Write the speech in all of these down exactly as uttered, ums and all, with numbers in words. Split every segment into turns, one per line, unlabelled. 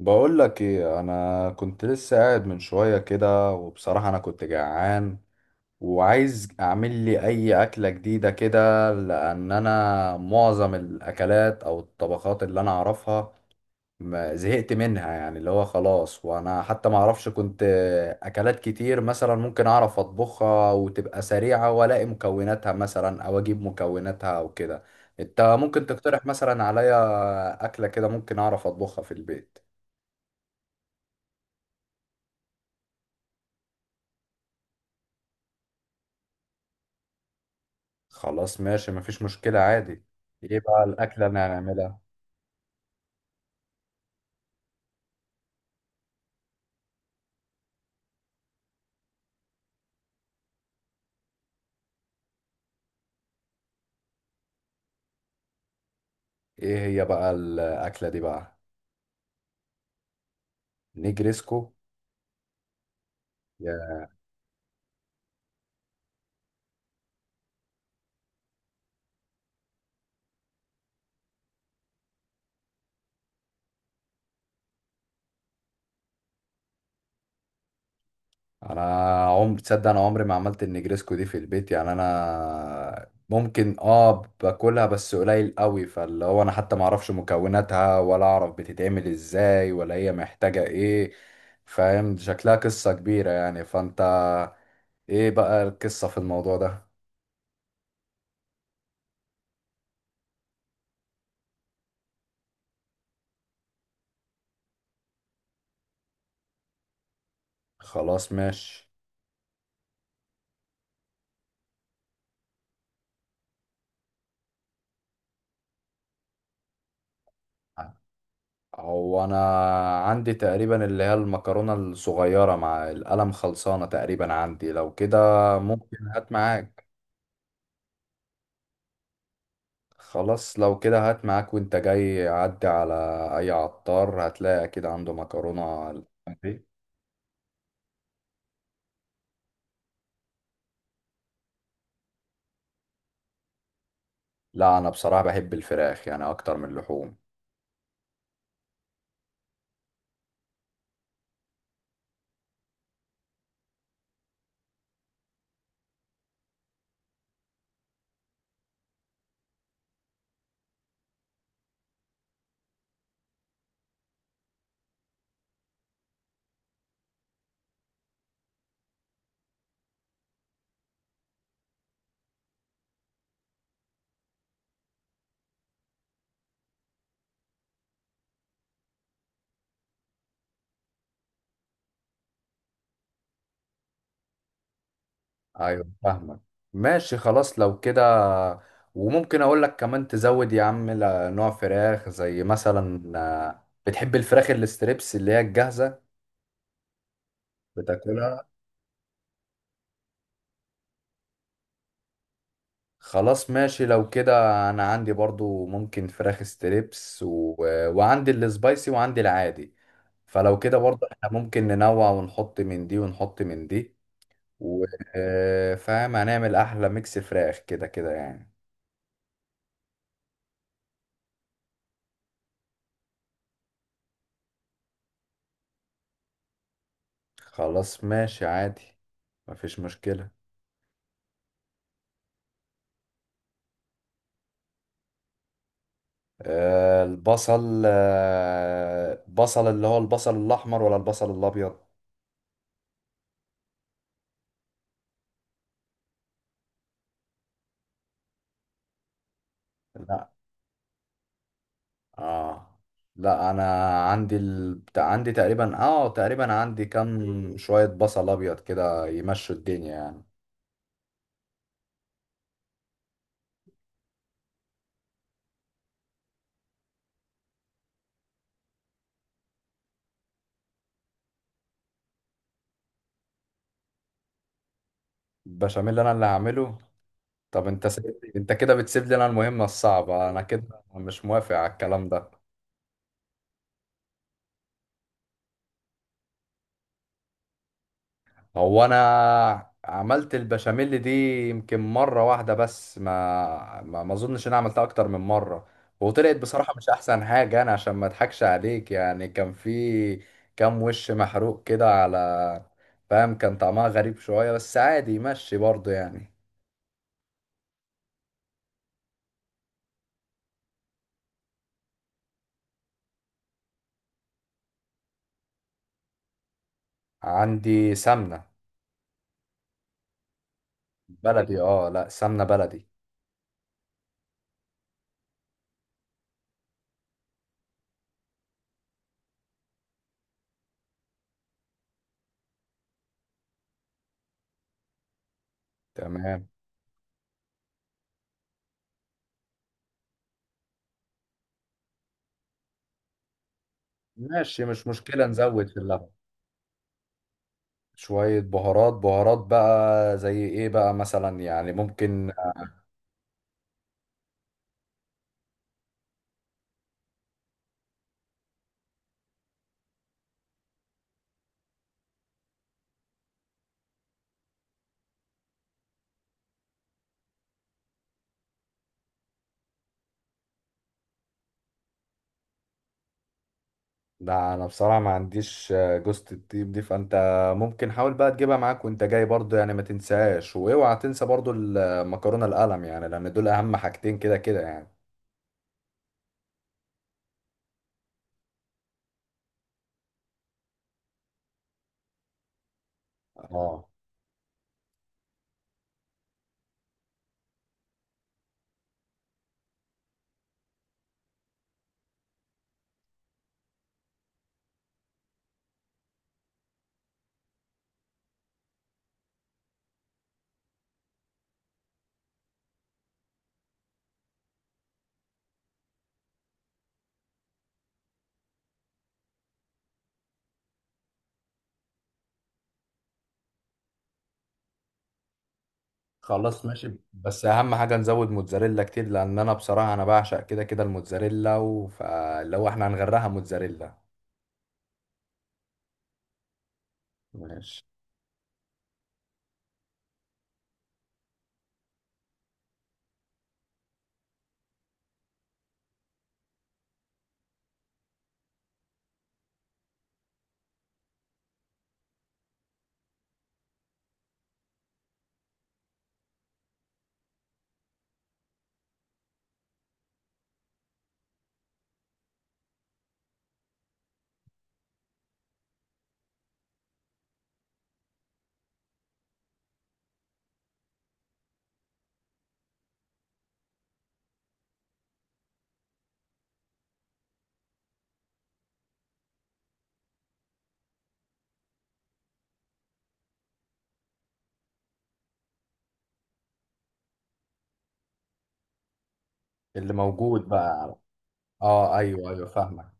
بقول لك ايه، انا كنت لسه قاعد من شويه كده وبصراحه انا كنت جعان، وعايز اعمل لي اي اكله جديده كده لان انا معظم الاكلات او الطبخات اللي انا اعرفها ما زهقت منها، يعني اللي هو خلاص. وانا حتى ما اعرفش كنت اكلات كتير مثلا ممكن اعرف اطبخها وتبقى سريعه، والاقي مكوناتها مثلا او اجيب مكوناتها او كده. انت ممكن تقترح مثلا عليا اكله كده ممكن اعرف اطبخها في البيت؟ خلاص ماشي، مفيش مشكلة عادي. ايه بقى الأكلة اللي هنعملها؟ ايه هي بقى الأكلة دي بقى؟ نجريسكو؟ يا. انا عمري، تصدق انا عمري ما عملت النجريسكو دي في البيت؟ يعني انا ممكن اه باكلها بس قليل قوي، فاللي هو انا حتى ما اعرفش مكوناتها ولا اعرف بتتعمل ازاي ولا هي محتاجة ايه. فاهم شكلها قصة كبيرة، يعني فانت، ايه بقى القصة في الموضوع ده؟ خلاص ماشي. هو انا عندي تقريبا اللي هي المكرونة الصغيرة، مع القلم خلصانة تقريبا عندي لو كده. ممكن هات معاك. خلاص لو كده هات معاك، وانت جاي عدي على اي عطار هتلاقي اكيد عنده مكرونة الألوان دي. لا انا بصراحة بحب الفراخ يعني اكتر من اللحوم. ايوه فاهمك. ماشي خلاص لو كده. وممكن اقول لك كمان تزود يا عم، ل- نوع فراخ زي مثلا، آه، بتحب الفراخ الستريبس اللي هي الجاهزة بتاكلها؟ خلاص ماشي لو كده. انا عندي برضو ممكن فراخ ستريبس و... وعندي السبايسي وعندي العادي. فلو كده برضو احنا ممكن ننوع، ونحط من دي ونحط من دي و... آه، فاهم هنعمل احلى ميكس فراخ كده كده يعني. خلاص ماشي عادي، مفيش مشكلة. آه، البصل، آه، بصل اللي هو البصل الاحمر ولا البصل الابيض؟ لا، اه لا، انا عندي ال... بتاع- عندي تقريبا، اه تقريبا عندي كام شويه بصل ابيض كده، يمشوا الدنيا يعني. البشاميل انا اللي هعمله. طب انت سيب... انت كده بتسيب لي انا المهمه الصعبه، انا كده مش موافق على الكلام ده. هو انا عملت البشاميل دي يمكن مره واحده بس، ما ما ما اظنش ان انا عملتها اكتر من مره. وطلعت بصراحه مش احسن حاجه، انا عشان ما اضحكش عليك يعني، كان في كام وش محروق كده على، فاهم، كان طعمها غريب شويه بس عادي يمشي برضه يعني. عندي سمنه بلدي. اه لا، سمنه بلدي. تمام ماشي، مش مشكله نزود في اللبن. شوية بهارات بهارات بقى زي ايه بقى مثلا يعني ممكن؟ ده انا بصراحة ما عنديش آه، جوزة الطيب دي، فانت ممكن حاول بقى تجيبها معاك وانت جاي برضو يعني، ما تنساهاش، واوعى تنسى برضو المكرونة القلم يعني، لان دول اهم حاجتين كده كده يعني. اه خلاص ماشي، بس اهم حاجة نزود موتزاريلا كتير، لان انا بصراحة انا بعشق كده كده الموتزاريلا و- فلو احنا هنغرقها موتزاريلا. ماشي. اللي موجود بقى. اه ايوه ايوه فاهمك.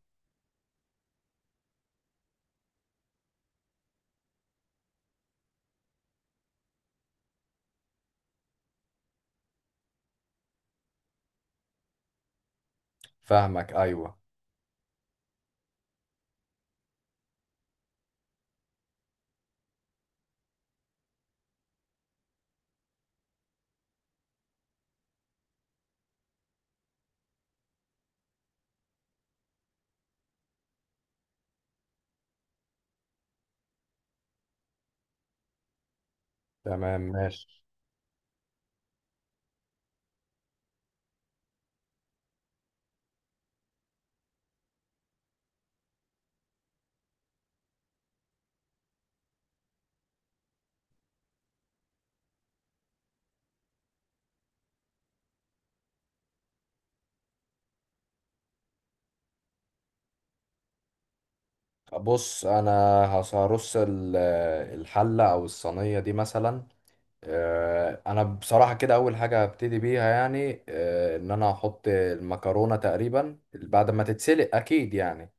فاهمك ايوه. تمام ماشي. بص انا هص- هرص ال- الحله او الصينيه دي مثلا. آه، انا بصراحه كده اول حاجه هبتدي بيها يعني، آه، ان انا هحط المكرونه تقريبا بعد ما تتسلق اكيد يعني،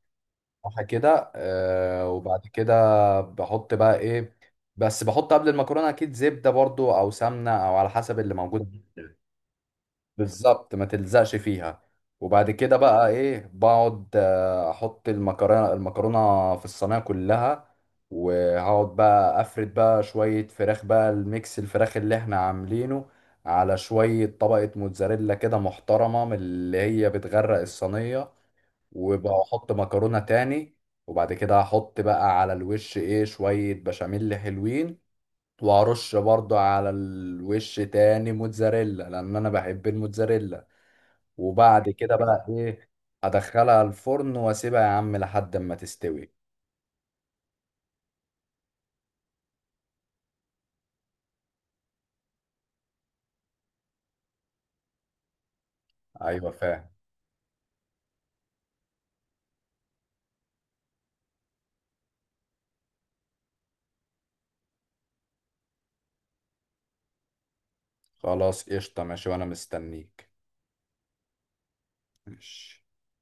صح كده. آه، وبعد كده بحط بقى ايه، بس بحط قبل المكرونه اكيد زبده برضو او سمنه او على حسب اللي موجود. بالظبط ما تلزقش فيها. وبعد كده بقى ايه، بقعد آه، احط المكرونه المكرونه في الصينيه كلها. وهقعد بقى افرد بقى شويه فراخ بقى، الميكس الفراخ اللي احنا عاملينه، على شويه طبقه موتزاريلا كده محترمه من اللي هي بتغرق الصينيه. وبقى احط مكرونه تاني. وبعد كده هحط بقى على الوش ايه شويه بشاميل حلوين. وهرش برضو على الوش تاني موتزاريلا لان انا بحب الموتزاريلا. وبعد كده بقى ايه، ادخلها الفرن واسيبها يا عم لحد ما تستوي. ايوه فاهم. خلاص قشطة ماشي وانا مستنيك. ماشي.